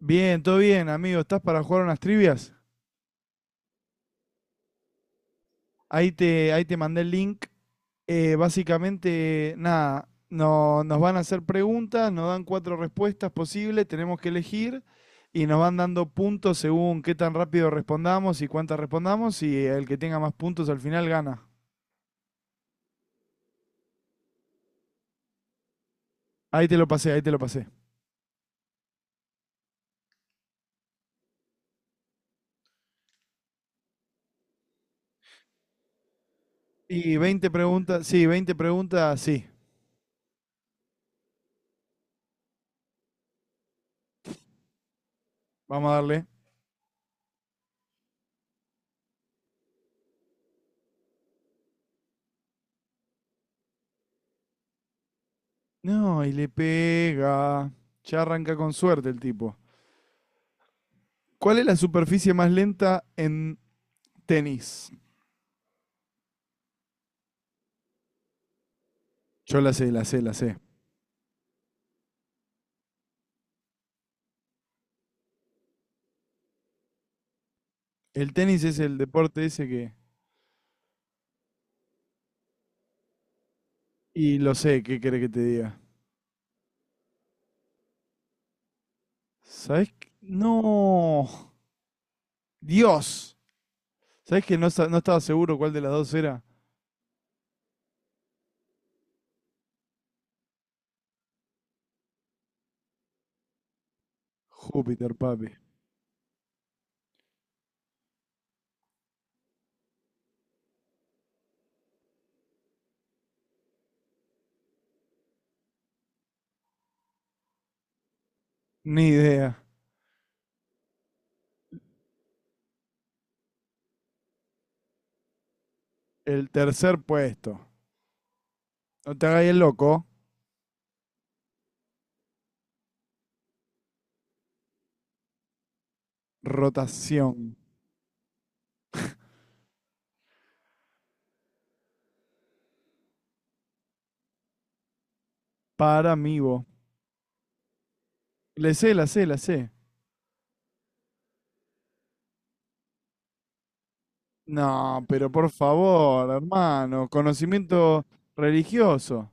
Bien, todo bien, amigo. ¿Estás para jugar unas trivias? Ahí te mandé el link. Básicamente, nada, no, nos van a hacer preguntas, nos dan cuatro respuestas posibles, tenemos que elegir y nos van dando puntos según qué tan rápido respondamos y cuántas respondamos, y el que tenga más puntos al final gana. Ahí te lo pasé. Y 20 preguntas, sí, 20 preguntas, sí. Vamos a darle. No, y le pega. Ya arranca con suerte el tipo. ¿Cuál es la superficie más lenta en tenis? Yo la sé, la sé. El tenis es el deporte ese que... Y lo sé, ¿qué querés que te diga? ¿Sabés qué? No. Dios. ¿Sabés que no, no estaba seguro cuál de las dos era? Júpiter, papi. Ni idea. El tercer puesto. No te hagas el loco. Rotación. Para mí, vos. Le sé, la sé. No, pero por favor, hermano. Conocimiento religioso.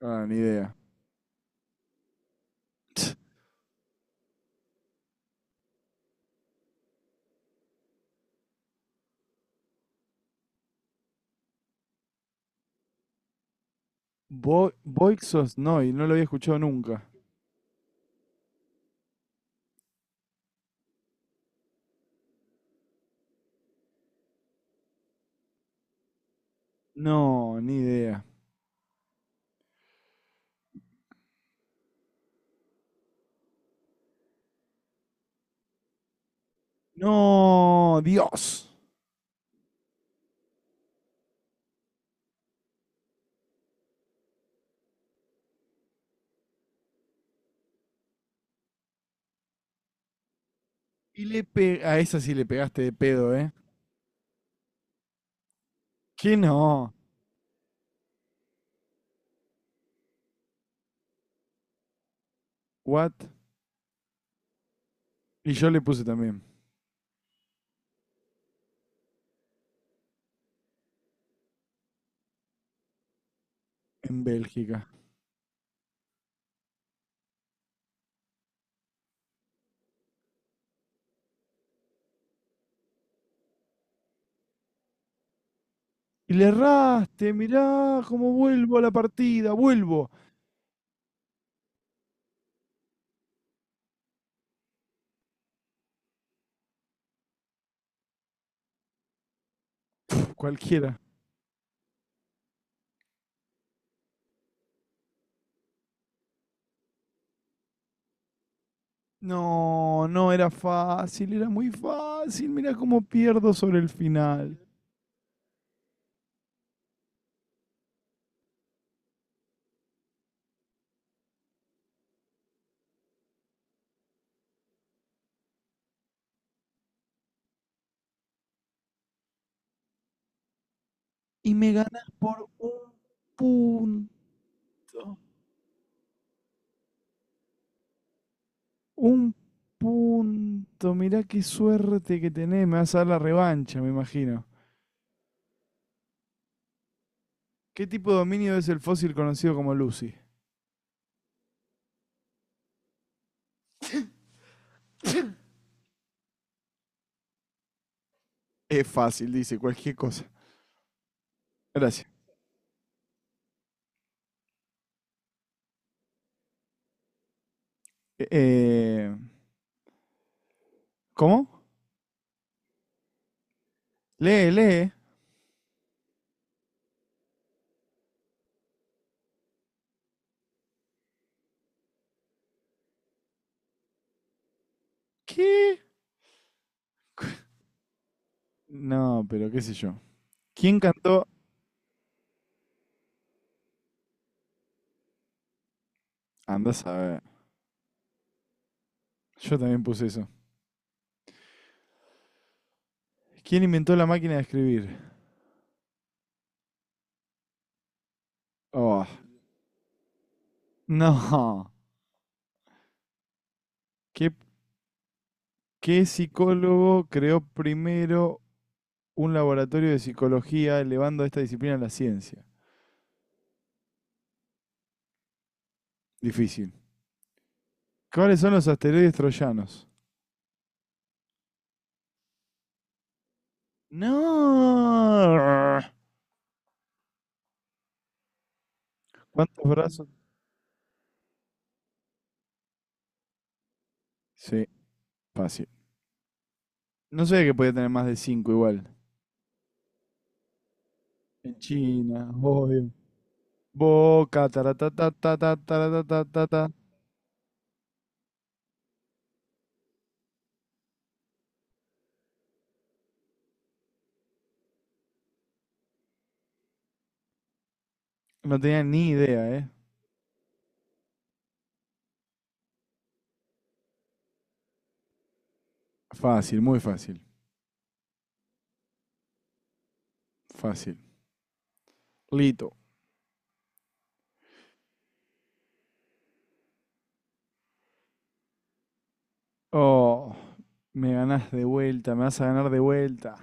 Ah, ni idea. Bo No y no lo había escuchado nunca. No, ni idea. No, Dios. Y a esa sí le pegaste de pedo, ¿eh? ¿Qué no? What? Y yo le puse también, en Bélgica. Y le erraste, mirá cómo vuelvo a la partida, vuelvo. Pf, cualquiera. No, no era fácil, era muy fácil. Mirá cómo pierdo sobre el final. Y me ganas por un punto. Un punto, mirá qué suerte que tenés, me vas a dar la revancha, me imagino. ¿Qué tipo de dominio es el fósil conocido como Lucy? Es fácil, dice cualquier cosa. Gracias. Eh, ¿Cómo? Lee, lee. ¿Qué? No, pero qué sé yo. ¿Quién cantó? Andás a ver. Yo también puse eso. ¿Quién inventó la máquina de escribir? Oh, no. ¿Qué, ¿qué psicólogo creó primero un laboratorio de psicología elevando esta disciplina a la ciencia? Difícil. ¿Cuáles son los asteroides troyanos? No. ¿Cuántos brazos? Sí, fácil. No sé, que podía tener más de 5 igual. En China, obvio. Boca, taratatatatatatata. No tenía ni idea, ¿eh? Fácil, muy fácil. Fácil. Lito. Oh, me ganás de vuelta, me vas a ganar de vuelta.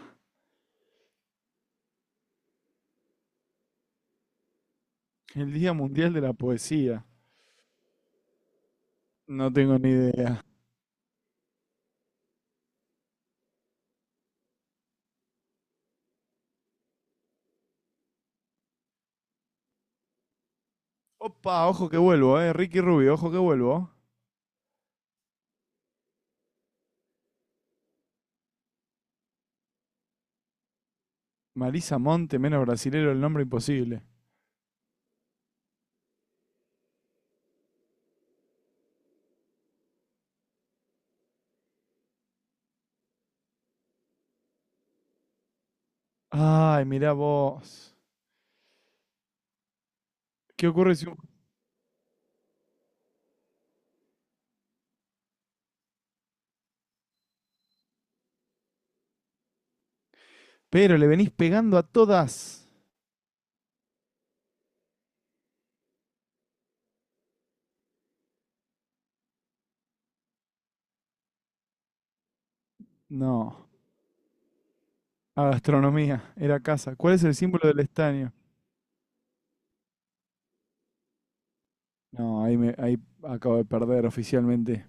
El Día Mundial de la Poesía. No tengo ni idea. Opa, ojo que vuelvo, eh. Ricky Rubio, ojo que vuelvo. Marisa Monte, menos brasilero, el nombre imposible. Ay, mirá vos. ¿Qué ocurre si un... Pero le venís pegando a todas. No. A gastronomía, era casa. ¿Cuál es el símbolo del estaño? No, ahí, me, ahí acabo de perder oficialmente.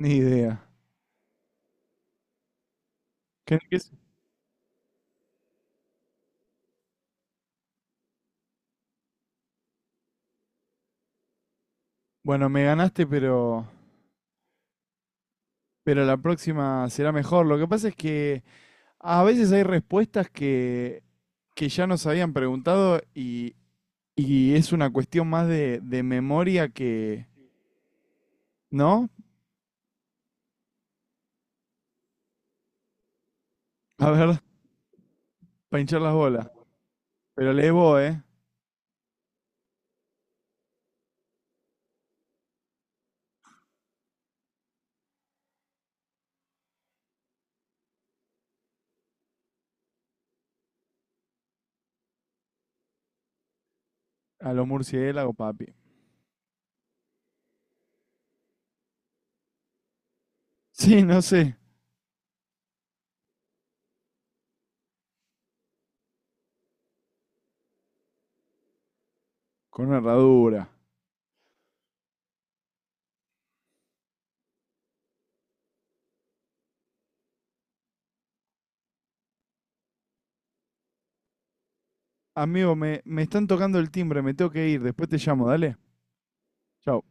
Ni idea. ¿Qué es? Bueno, me ganaste, pero la próxima será mejor. Lo que pasa es que a veces hay respuestas que ya nos habían preguntado, y Y es una cuestión más de memoria que, ¿no? A ver, para hinchar las bolas. Pero le voy, ¿eh? A los murciélagos, papi. Sí, no sé. Con una herradura. Amigo, me están tocando el timbre, me tengo que ir. Después te llamo, dale. Chao.